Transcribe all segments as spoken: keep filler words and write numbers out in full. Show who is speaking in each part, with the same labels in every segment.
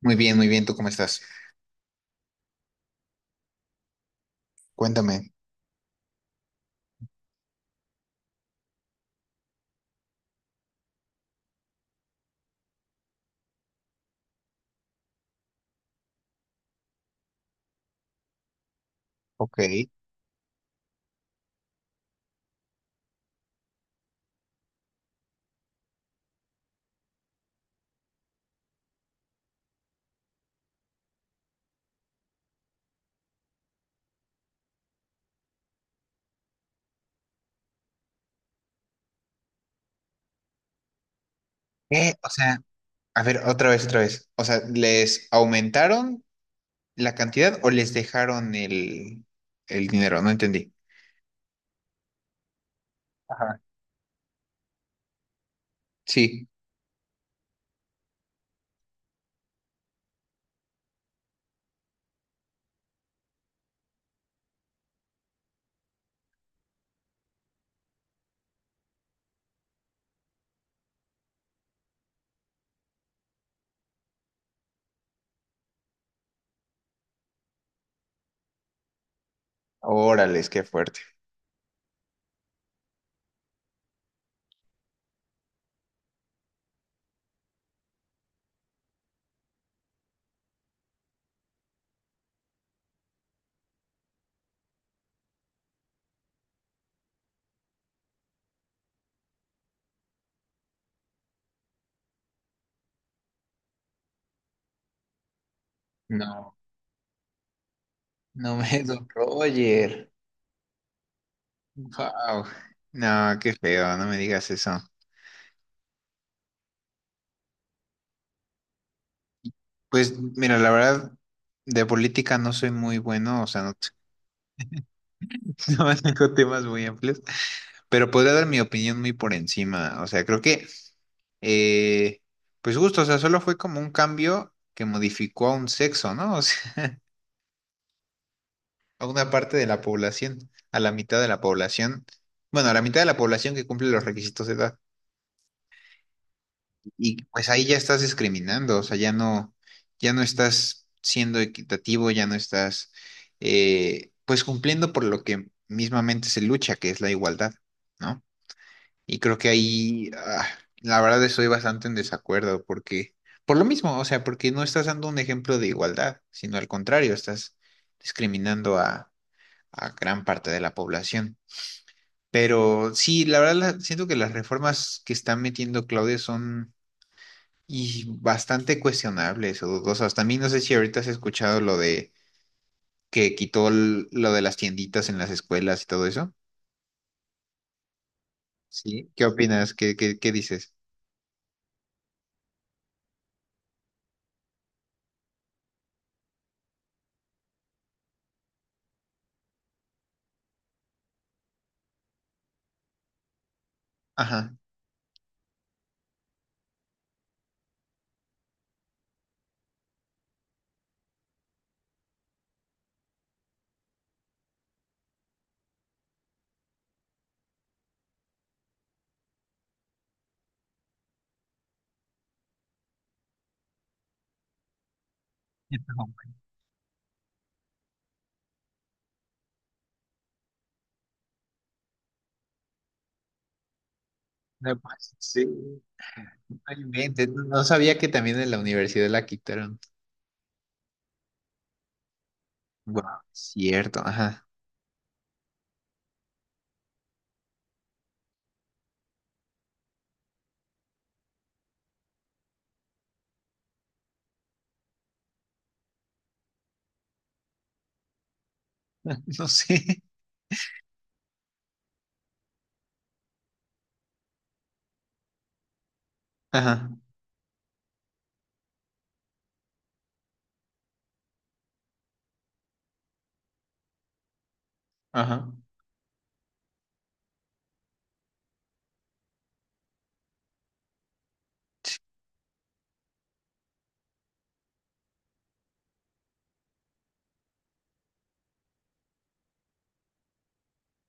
Speaker 1: Muy bien, muy bien. ¿Tú cómo estás? Cuéntame. Ok. Eh, o sea, a ver, otra vez, otra vez. O sea, ¿les aumentaron la cantidad o les dejaron el, el dinero? No entendí. Ajá. Sí. Órales, qué fuerte. No, no me, don Roger. Wow. No, qué feo, no me digas eso. Pues mira, la verdad, de política no soy muy bueno, o sea, no, no manejo temas muy amplios, pero podría dar mi opinión muy por encima. O sea, creo que Eh, pues justo, o sea, solo fue como un cambio que modificó a un sexo, ¿no? O sea, a una parte de la población, a la mitad de la población, bueno, a la mitad de la población que cumple los requisitos de edad. Y pues ahí ya estás discriminando, o sea, ya no, ya no estás siendo equitativo, ya no estás, eh, pues cumpliendo por lo que mismamente se lucha, que es la igualdad, ¿no? Y creo que ahí, ah, la verdad, estoy bastante en desacuerdo porque, por lo mismo, o sea, porque no estás dando un ejemplo de igualdad, sino al contrario, estás discriminando a, a gran parte de la población. Pero sí, la verdad, la- siento que las reformas que está metiendo Claudia son y bastante cuestionables o dudosas. También no sé si ahorita has escuchado lo de que quitó l- lo de las tienditas en las escuelas y todo eso. Sí. ¿Qué opinas? ¿Qué, qué, qué dices? Ajá. No, pues, sí. No inventes, no no sabía que también en la universidad la quitaron. Bueno, cierto, ajá. No sé. Ajá, ajá.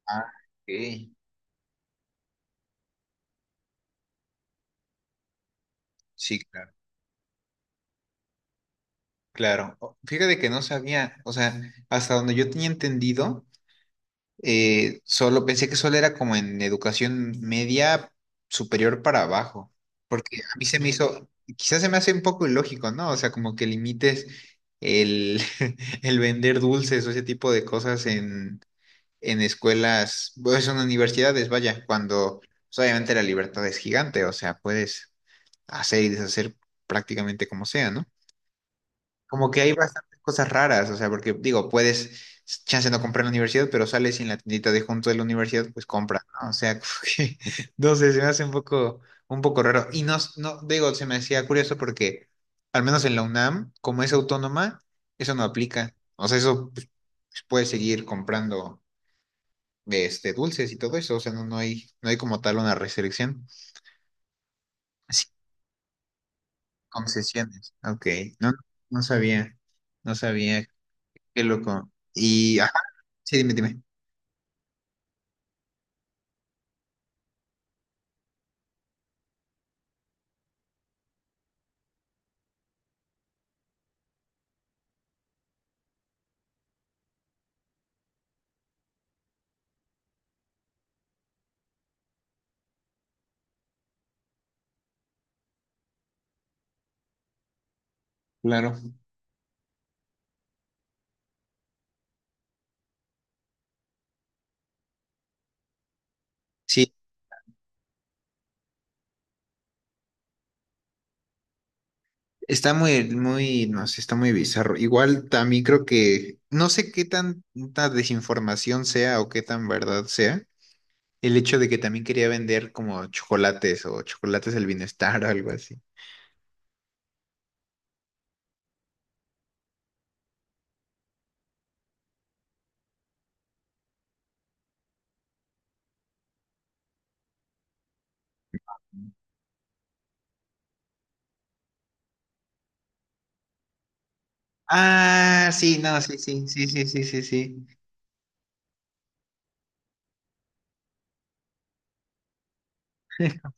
Speaker 1: Ah, ok. Sí, claro. Claro. O- Fíjate que no sabía, o sea, hasta donde yo tenía entendido, eh, solo pensé que solo era como en educación media superior para abajo, porque a mí se me hizo, quizás se me hace un poco ilógico, ¿no? O sea, como que limites el, el vender dulces o ese tipo de cosas en escuelas, pues en universidades, vaya, cuando pues, obviamente la libertad es gigante, o sea, puedes hacer y deshacer prácticamente como sea, ¿no? Como que hay bastantes cosas raras, o sea, porque digo, puedes, chance no comprar en la universidad, pero sales y en la tiendita de junto de la universidad, pues compra, ¿no? O sea, como que, no sé, se me hace un poco, un poco raro. Y no, no, digo, se me hacía curioso porque, al menos en la UNAM, como es autónoma, eso no aplica. O sea, eso pues, puedes seguir comprando de este, dulces y todo eso, o sea, no, no hay, no hay como tal una restricción. Sí, concesiones, ok, no, no sabía, no sabía, qué loco. Y, ajá, sí, dime, dime. Claro. Sí, está muy, muy, no sé, está muy bizarro. Igual también creo que, no sé qué tanta desinformación sea o qué tan verdad sea, el hecho de que también quería vender como chocolates o chocolates del bienestar o algo así. Ah, sí, no, sí, sí, sí, sí, sí, sí, sí.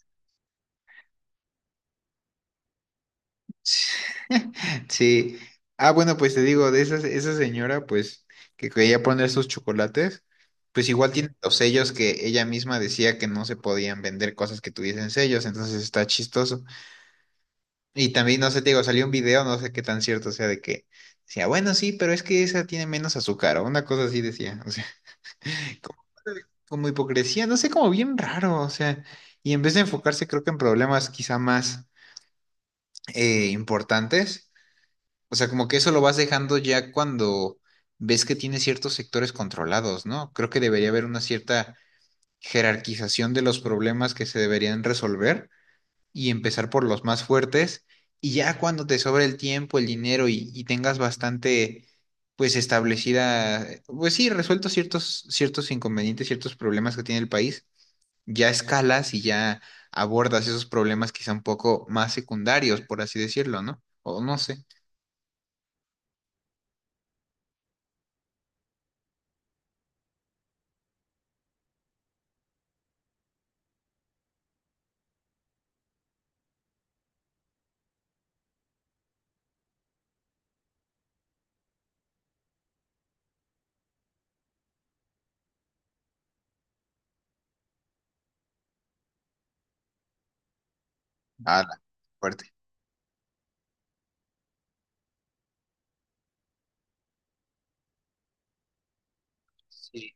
Speaker 1: Sí. Ah, bueno, pues te digo, de esa, esa señora, pues, que quería poner sus chocolates, pues igual tiene los sellos que ella misma decía que no se podían vender cosas que tuviesen sellos, entonces está chistoso. Y también, no sé, te digo, salió un video, no sé qué tan cierto sea de que decía, bueno, sí, pero es que esa tiene menos azúcar, o una cosa así decía. O sea, como, como hipocresía, no sé, como bien raro, o sea, y en vez de enfocarse, creo que en problemas quizá más eh, importantes. O sea, como que eso lo vas dejando ya cuando ves que tienes ciertos sectores controlados, ¿no? Creo que debería haber una cierta jerarquización de los problemas que se deberían resolver y empezar por los más fuertes y ya cuando te sobre el tiempo, el dinero y, y tengas bastante, pues establecida, pues sí, resueltos ciertos, ciertos inconvenientes, ciertos problemas que tiene el país, ya escalas y ya abordas esos problemas quizá un poco más secundarios, por así decirlo, ¿no? O no sé. Ah, fuerte. Sí.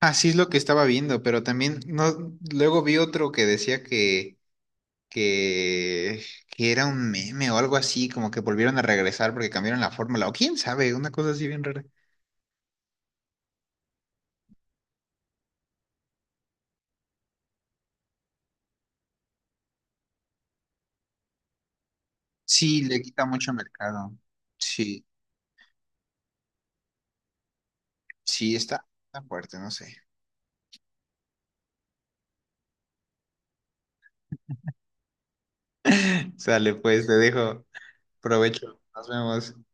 Speaker 1: Así es lo que estaba viendo, pero también no, luego vi otro que decía que, que, que era un meme o algo así, como que volvieron a regresar porque cambiaron la fórmula, o quién sabe, una cosa así bien rara. Sí, le quita mucho mercado. Sí, sí, está, está fuerte, no sé. Sale, pues, te dejo. Provecho. Nos vemos.